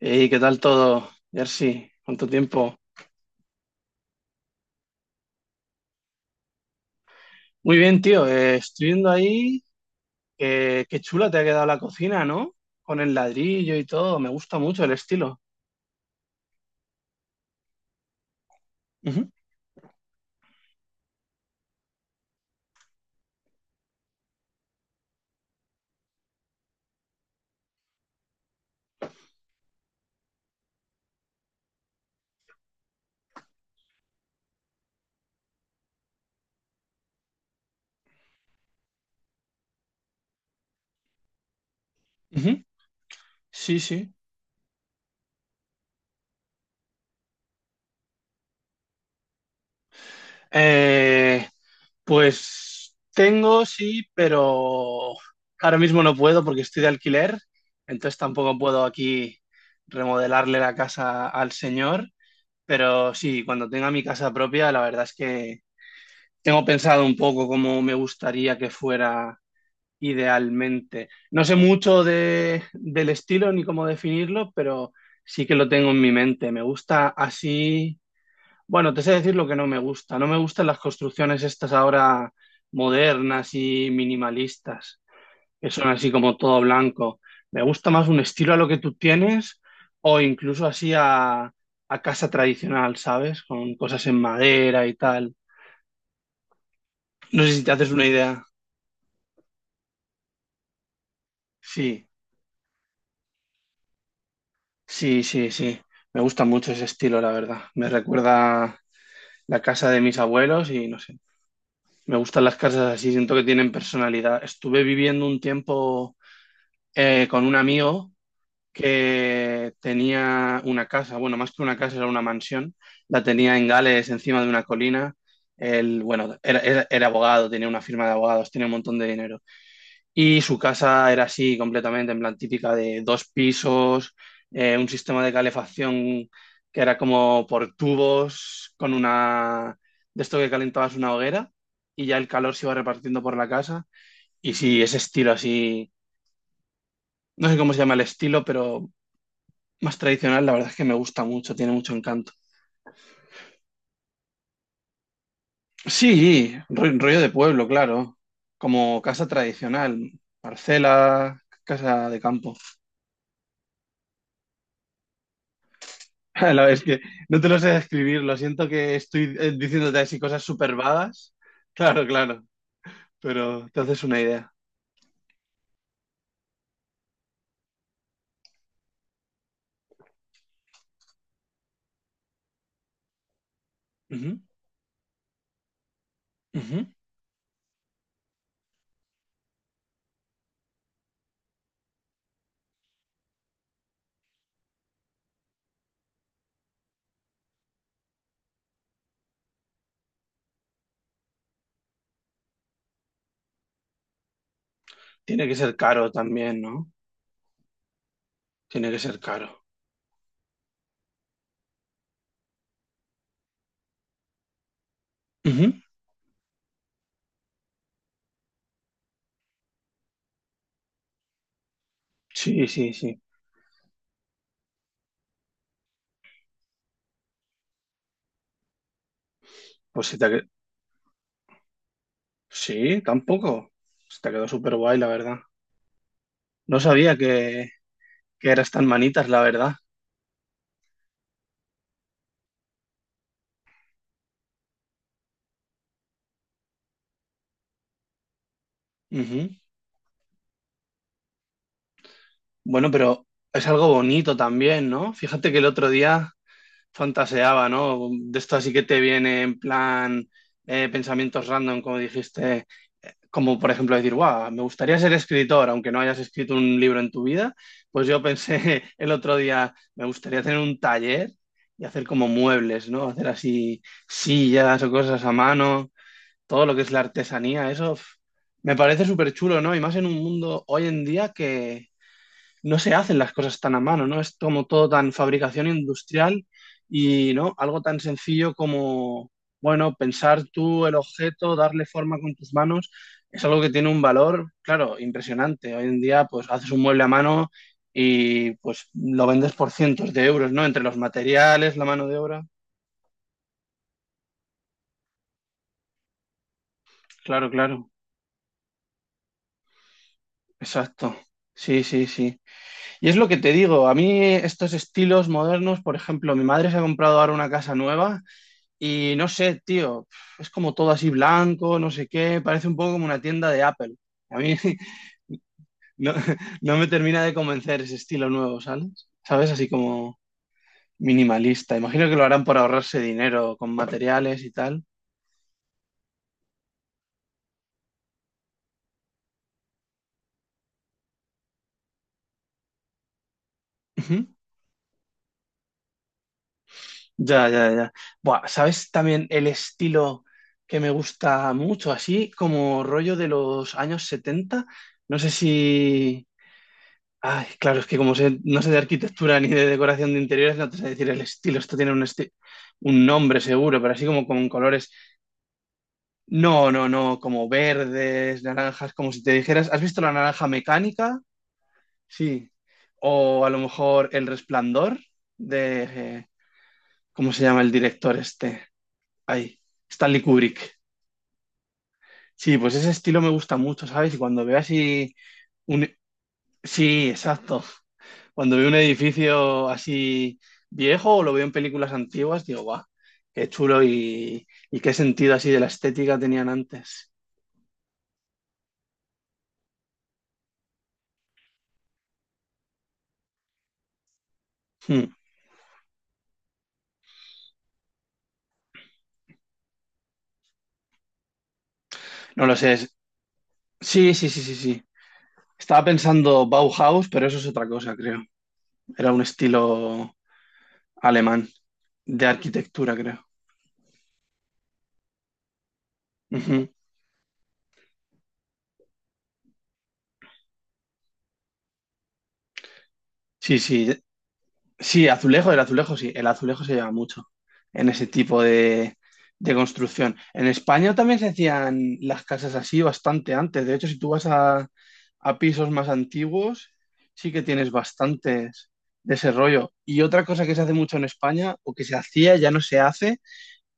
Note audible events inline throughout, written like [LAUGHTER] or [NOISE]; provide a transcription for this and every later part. Hey, ¿qué tal todo, Jersey? ¿Cuánto tiempo? Muy bien, tío. Estoy viendo ahí que qué chula te ha quedado la cocina, ¿no? Con el ladrillo y todo. Me gusta mucho el estilo. Ujú, ujú. Sí, sí. Eh, pues tengo, sí, pero ahora mismo no puedo porque estoy de alquiler. Entonces tampoco puedo aquí remodelarle la casa al señor. Pero sí, cuando tenga mi casa propia, la verdad es que tengo pensado un poco cómo me gustaría que fuera idealmente. No sé mucho de, del estilo ni cómo definirlo, pero sí que lo tengo en mi mente. Me gusta así. Bueno, te sé decir lo que no me gusta. No me gustan las construcciones estas ahora modernas y minimalistas, que son así como todo blanco. Me gusta más un estilo a lo que tú tienes o incluso así a casa tradicional, ¿sabes? Con cosas en madera y tal. No sé si te haces una idea. Sí. Sí, sí, sí. Me gusta mucho ese estilo, la verdad. Me recuerda la casa de mis abuelos y no sé. Me gustan las casas así, siento que tienen personalidad. Estuve viviendo un tiempo con un amigo que tenía una casa, bueno, más que una casa, era una mansión. La tenía en Gales, encima de una colina. Él, bueno, era abogado, tenía una firma de abogados, tenía un montón de dinero. Y su casa era así completamente, en plan típica de dos pisos, un sistema de calefacción que era como por tubos, con una de esto que calentabas una hoguera y ya el calor se iba repartiendo por la casa. Y sí, ese estilo así, no sé cómo se llama el estilo, pero más tradicional, la verdad es que me gusta mucho, tiene mucho encanto. Sí, rollo de pueblo, claro, como casa tradicional, parcela, casa de campo. [LAUGHS] La verdad es que no te lo sé describir, lo siento que estoy diciéndote así cosas súper vagas. Claro, claro, pero te haces una idea. Ujú, ujú. Tiene que ser caro también, ¿no? Tiene que ser caro. Ujú. Sí, sí, sí. Pues si te... ha que- Sí, tampoco. Se te quedó súper guay, la verdad. No sabía que eras tan manitas, la verdad. Ujú. Bueno, pero es algo bonito también, ¿no? Fíjate que el otro día fantaseaba, ¿no? De esto así que te viene en plan pensamientos random, como dijiste, como por ejemplo decir, wow, me gustaría ser escritor, aunque no hayas escrito un libro en tu vida. Pues yo pensé [LAUGHS] el otro día, me gustaría tener un taller y hacer como muebles, ¿no? Hacer así sillas o cosas a mano, todo lo que es la artesanía, eso. Me parece súper chulo, ¿no? Y más en un mundo hoy en día que no se hacen las cosas tan a mano, ¿no? Es como todo tan fabricación industrial y, ¿no? Algo tan sencillo como, bueno, pensar tú el objeto, darle forma con tus manos, es algo que tiene un valor, claro, impresionante. Hoy en día, pues haces un mueble a mano y pues lo vendes por cientos de euros, ¿no? Entre los materiales, la mano de obra. Claro, claro, exacto. Sí, sí, sí. Y es lo que te digo, a mí estos estilos modernos, por ejemplo, mi madre se ha comprado ahora una casa nueva y no sé, tío, es como todo así blanco, no sé qué, parece un poco como una tienda de Apple. A mí [LAUGHS] no, no me termina de convencer ese estilo nuevo, ¿sabes? ¿Sabes? Así como minimalista. Imagino que lo harán por ahorrarse dinero con materiales y tal. Ujú. Ya, ya, ya. Buah, ¿sabes también el estilo que me gusta mucho? Así como rollo de los años setenta. No sé si, ay, claro, es que como no sé de arquitectura ni de decoración de interiores, no te sé decir el estilo. Esto tiene un nombre seguro, pero así como con colores. No, no, no, como verdes, naranjas, como si te dijeras, ¿has visto la naranja mecánica? Sí. O a lo mejor El Resplandor de, ¿cómo se llama el director este? Ay, Stanley Kubrick. Sí, pues ese estilo me gusta mucho, ¿sabes? Y cuando veo así un... Sí, exacto. Cuando veo un edificio así viejo o lo veo en películas antiguas, digo, va, qué chulo y qué sentido así de la estética tenían antes. Hmm, no lo sé. Sí, sí, sí, sí, sí. Estaba pensando Bauhaus, pero eso es otra cosa, creo. Era un estilo alemán de arquitectura, creo. Ujú. Sí, sí. Sí, azulejo, el azulejo sí, el azulejo se lleva mucho en ese tipo de construcción. En España también se hacían las casas así bastante antes. De hecho, si tú vas a pisos más antiguos, sí que tienes bastantes de ese rollo. Y otra cosa que se hace mucho en España, o que se hacía, ya no se hace,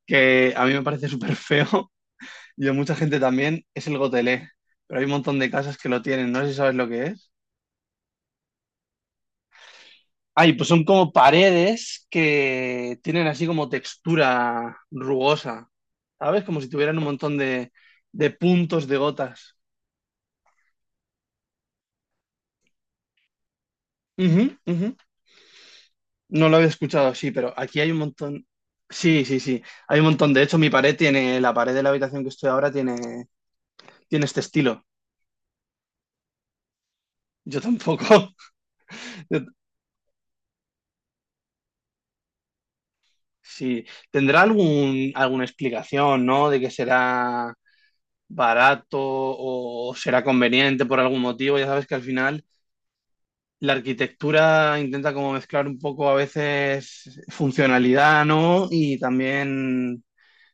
que a mí me parece súper feo, [LAUGHS] y a mucha gente también, es el gotelé. Pero hay un montón de casas que lo tienen, no sé si sabes lo que es. Ay, pues son como paredes que tienen así como textura rugosa, ¿sabes? Como si tuvieran un montón de puntos de gotas. Ujú, ujú. No lo había escuchado así, pero aquí hay un montón. Sí, sí, sí. Hay un montón. De hecho, mi pared tiene, la pared de la habitación que estoy ahora tiene este estilo. Yo tampoco. [LAUGHS] Yo- sí. ¿Tendrá algún, alguna explicación, ¿no? De que será barato o será conveniente por algún motivo. Ya sabes que al final la arquitectura intenta como mezclar un poco a veces funcionalidad, ¿no? Y también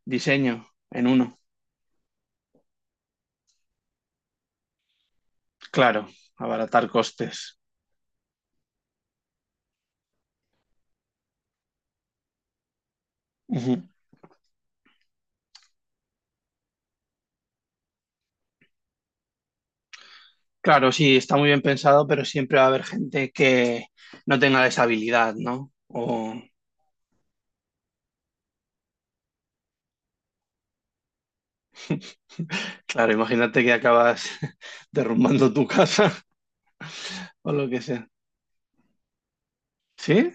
diseño en uno. Claro, abaratar costes. Ujú. Claro, sí, está muy bien pensado, pero siempre va a haber gente que no tenga esa habilidad, ¿no? O, claro, imagínate que acabas [LAUGHS] derrumbando tu casa [LAUGHS] o lo que sea. ¿Sí?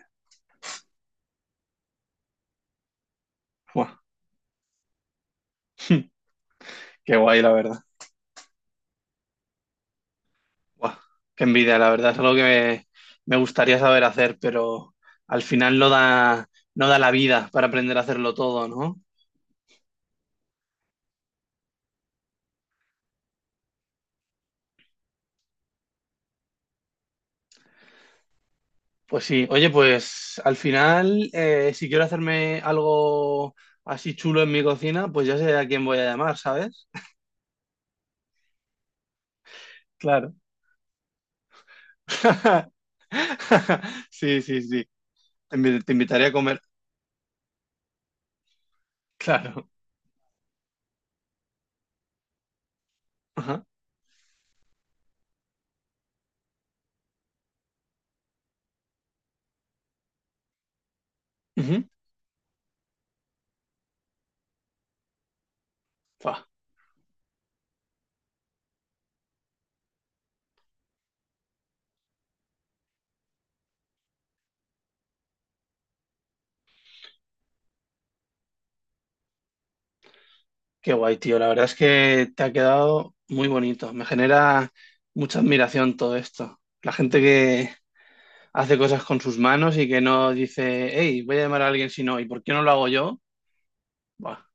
Buah, qué guay, la verdad. Buah, qué envidia, la verdad, es algo que me gustaría saber hacer, pero al final no da la vida para aprender a hacerlo todo, ¿no? Pues sí, oye, pues al final, si quiero hacerme algo así chulo en mi cocina, pues ya sé a quién voy a llamar, ¿sabes? Claro. [LAUGHS] Sí, sí, sí. Te invitaré a comer. Claro. Ajá. Ujú. Buah. Qué guay, tío. La verdad es que te ha quedado muy bonito. Me genera mucha admiración todo esto. La gente que hace cosas con sus manos y que no dice, hey, voy a llamar a alguien si no, ¿y por qué no lo hago yo? Buah,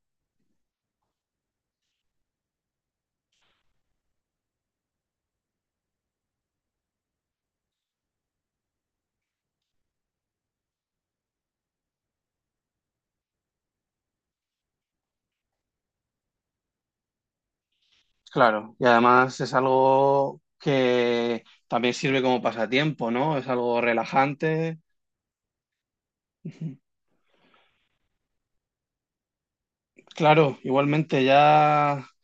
claro. Y además es algo que también sirve como pasatiempo, ¿no? Es algo relajante. Ujú. Claro, igualmente ya.